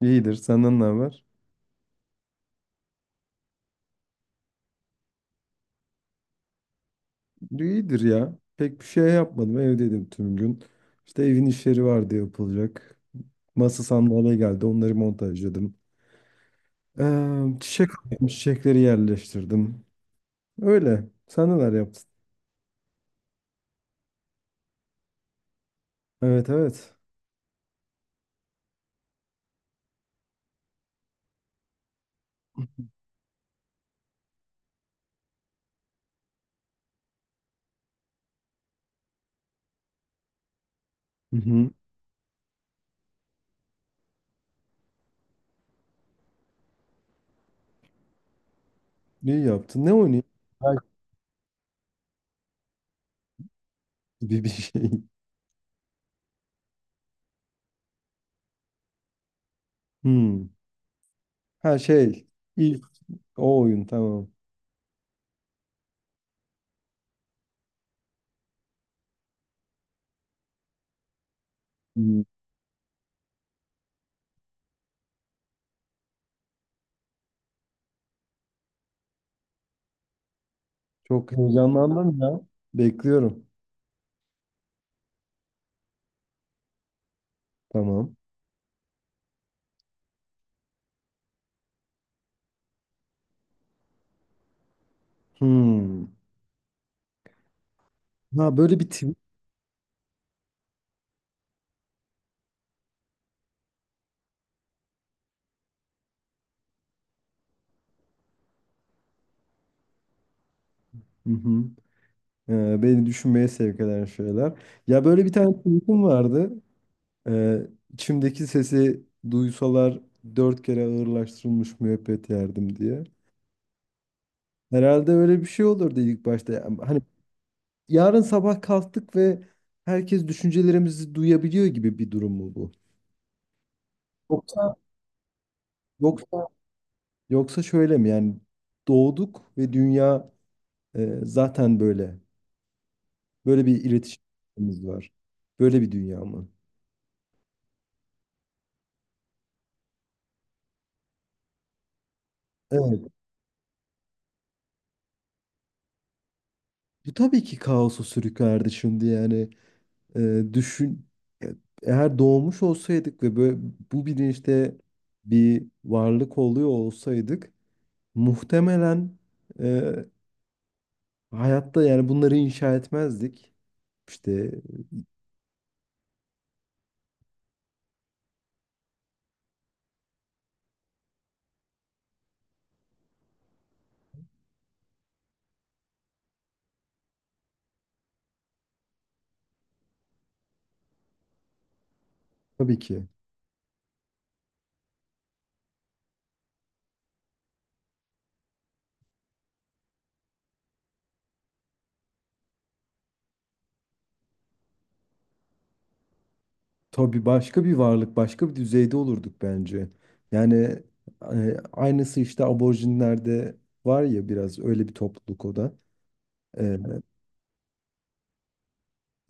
İyidir. Senden ne haber? İyidir ya. Pek bir şey yapmadım. Evdeydim tüm gün. İşte evin işleri vardı yapılacak. Masa sandalye geldi. Onları montajladım. Çiçek aldım, çiçekleri yerleştirdim. Öyle. Sen neler yaptın? Evet, evet. Hı hı. İyi yaptın. Ne oynayayım? Belki bir şey. Hmm. Ha şey. İlk o oyun tamam. Hmm. Çok heyecanlandım ya. Bekliyorum. Tamam. Hmm. Ha böyle bir tweet. Hı hı. Beni düşünmeye sevk eden şeyler. Ya böyle bir tane tweetim vardı. İçimdeki sesi duysalar dört kere ağırlaştırılmış müebbet yerdim diye. Herhalde öyle bir şey olur ilk başta. Yani hani yarın sabah kalktık ve herkes düşüncelerimizi duyabiliyor gibi bir durum mu bu? Yoksa yoksa yoksa şöyle mi? Yani doğduk ve dünya, zaten böyle. Böyle bir iletişimimiz var. Böyle bir dünya mı? Evet. Bu tabii ki kaosu sürüklerdi şimdi yani. Düşün, e- eğer doğmuş olsaydık ve böyle bu bilinçte bir varlık oluyor olsaydık muhtemelen, e, hayatta yani bunları inşa etmezdik. İşte tabii ki. Tabii başka bir varlık, başka bir düzeyde olurduk bence. Yani, aynısı işte aborjinlerde var ya, biraz öyle bir topluluk o da. Ee,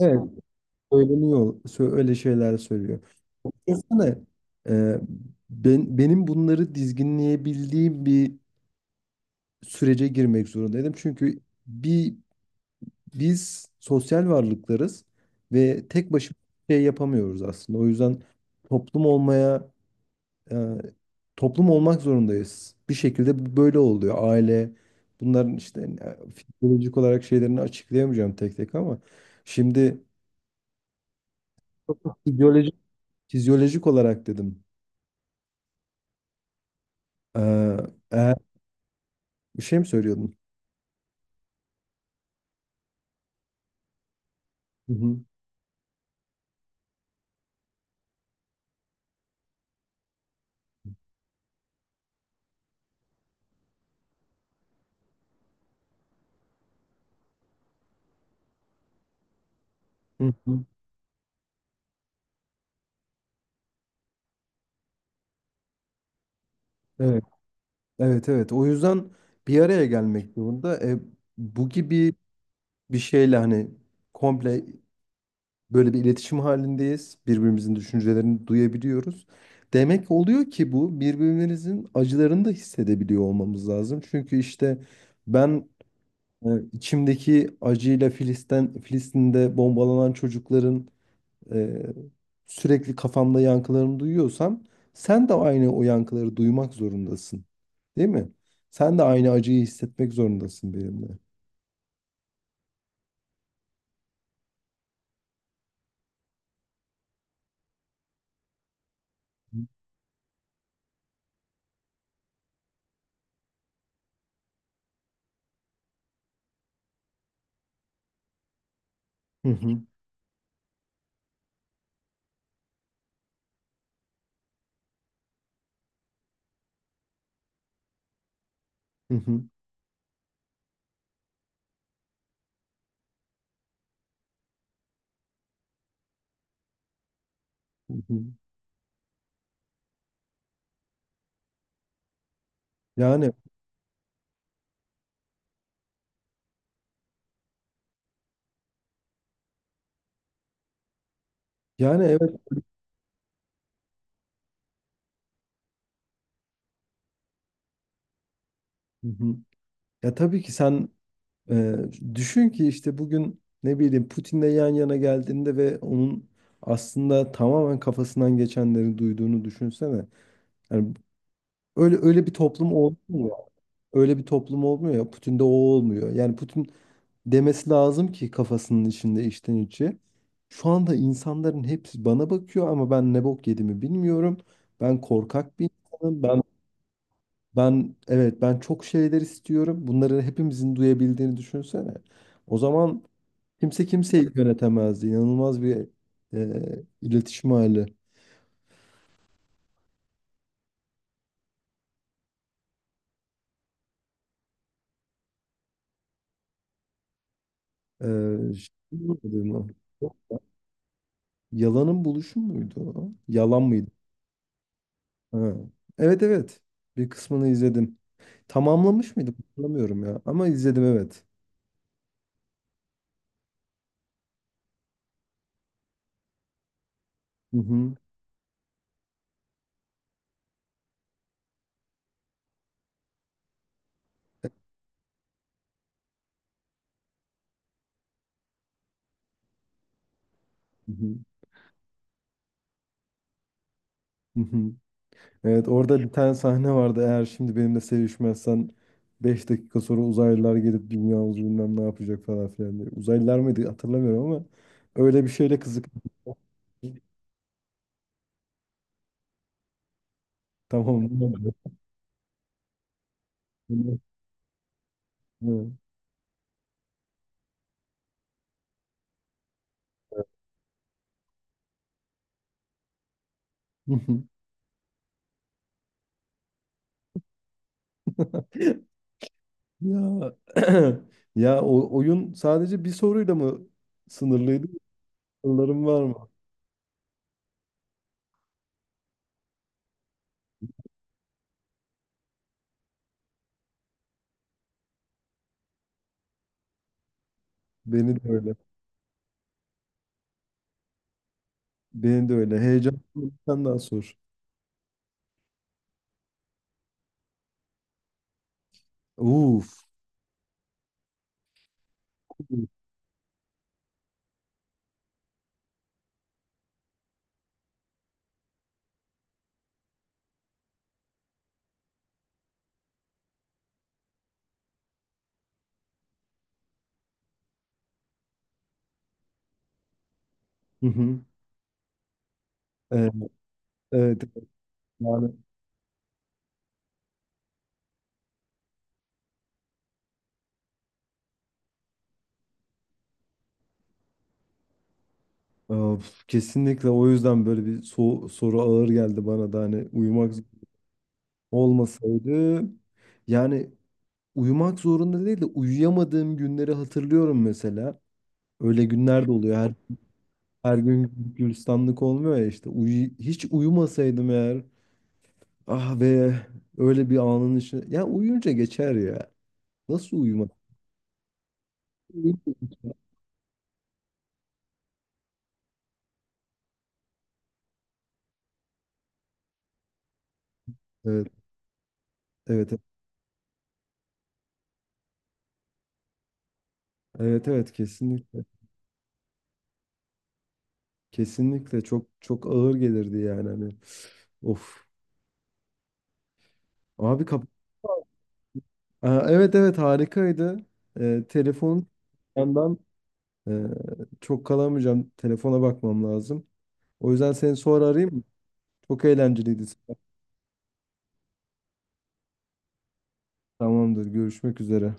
evet, söyleniyor, öyle şeyler söylüyor. Desene, e, benim bunları dizginleyebildiğim bir sürece girmek zorundaydım. Çünkü bir biz sosyal varlıklarız ve tek başımıza bir şey yapamıyoruz aslında. O yüzden toplum olmaya e, toplum olmak zorundayız. Bir şekilde bu böyle oluyor. Aile bunların işte, fizyolojik olarak şeylerini açıklayamayacağım tek tek, ama şimdi fizyolojik fizyolojik olarak dedim. E, eğer bir şey mi söylüyordun? Hı hı. Evet, evet, evet. O yüzden bir araya gelmek zorunda. Bu gibi bir şeyle hani komple böyle bir iletişim halindeyiz. Birbirimizin düşüncelerini duyabiliyoruz. Demek oluyor ki bu birbirimizin acılarını da hissedebiliyor olmamız lazım. Çünkü işte ben, içimdeki acıyla Filistin'de bombalanan çocukların, e, sürekli kafamda yankılarını duyuyorsam sen de aynı o yankıları duymak zorundasın. Değil mi? Sen de aynı acıyı hissetmek zorundasın benimle. Hı hı, hı hı, hı hı. Yani yani evet. Hı hı. Ya tabii ki sen, e, düşün ki işte bugün ne bileyim Putin'le yan yana geldiğinde ve onun aslında tamamen kafasından geçenleri duyduğunu düşünsene. Yani öyle öyle bir toplum oldu öyle bir toplum olmuyor ya. Putin'de o olmuyor. Yani Putin demesi lazım ki kafasının içinde içten içe. Şu anda insanların hepsi bana bakıyor ama ben ne bok yediğimi bilmiyorum. Ben korkak bir insanım. Ben, evet, ben çok şeyler istiyorum. Bunları hepimizin duyabildiğini düşünsene. O zaman kimse kimseyi yönetemezdi. İnanılmaz bir, iletişim hali. E, Şey mi dedi lan? Yalanın buluşu muydu o? Yalan mıydı? Ha. Evet, evet. Bir kısmını izledim. Tamamlamış mıydım? Hatırlamıyorum ya. Ama izledim, evet. Hı hı. Hı hı. Hı hı. Evet, orada bir tane sahne vardı. Eğer şimdi benimle sevişmezsen 5 dakika sonra uzaylılar gelip dünyamızı bilmem ne yapacak falan filan diye. Uzaylılar mıydı hatırlamıyorum ama öyle bir şeyle kızık. Tamam. Evet. Hı hı. Ya ya o oyun sadece bir soruyla mı sınırlıydı? Sorularım var mı? Beni de öyle. Benim de öyle. Heyecan. Sen daha sor. Uf. Hı hı. Evet, evet, evet. Yani, of, kesinlikle o yüzden böyle bir soru ağır geldi bana da, hani uyumak olmasaydı, yani uyumak zorunda değil de uyuyamadığım günleri hatırlıyorum mesela. Öyle günler de oluyor. Her gün gülistanlık olmuyor ya işte. Hiç uyumasaydım eğer ah be öyle bir anın içine. Ya uyuyunca geçer ya. Nasıl uyumak? Evet. Evet. Evet, evet, kesinlikle. Kesinlikle çok çok ağır gelirdi yani hani. Of. Abi. Aa, evet, evet, harikaydı. Telefon yandan, e, çok kalamayacağım. Telefona bakmam lazım. O yüzden seni sonra arayayım mı? Çok eğlenceliydi. Tamamdır. Görüşmek üzere.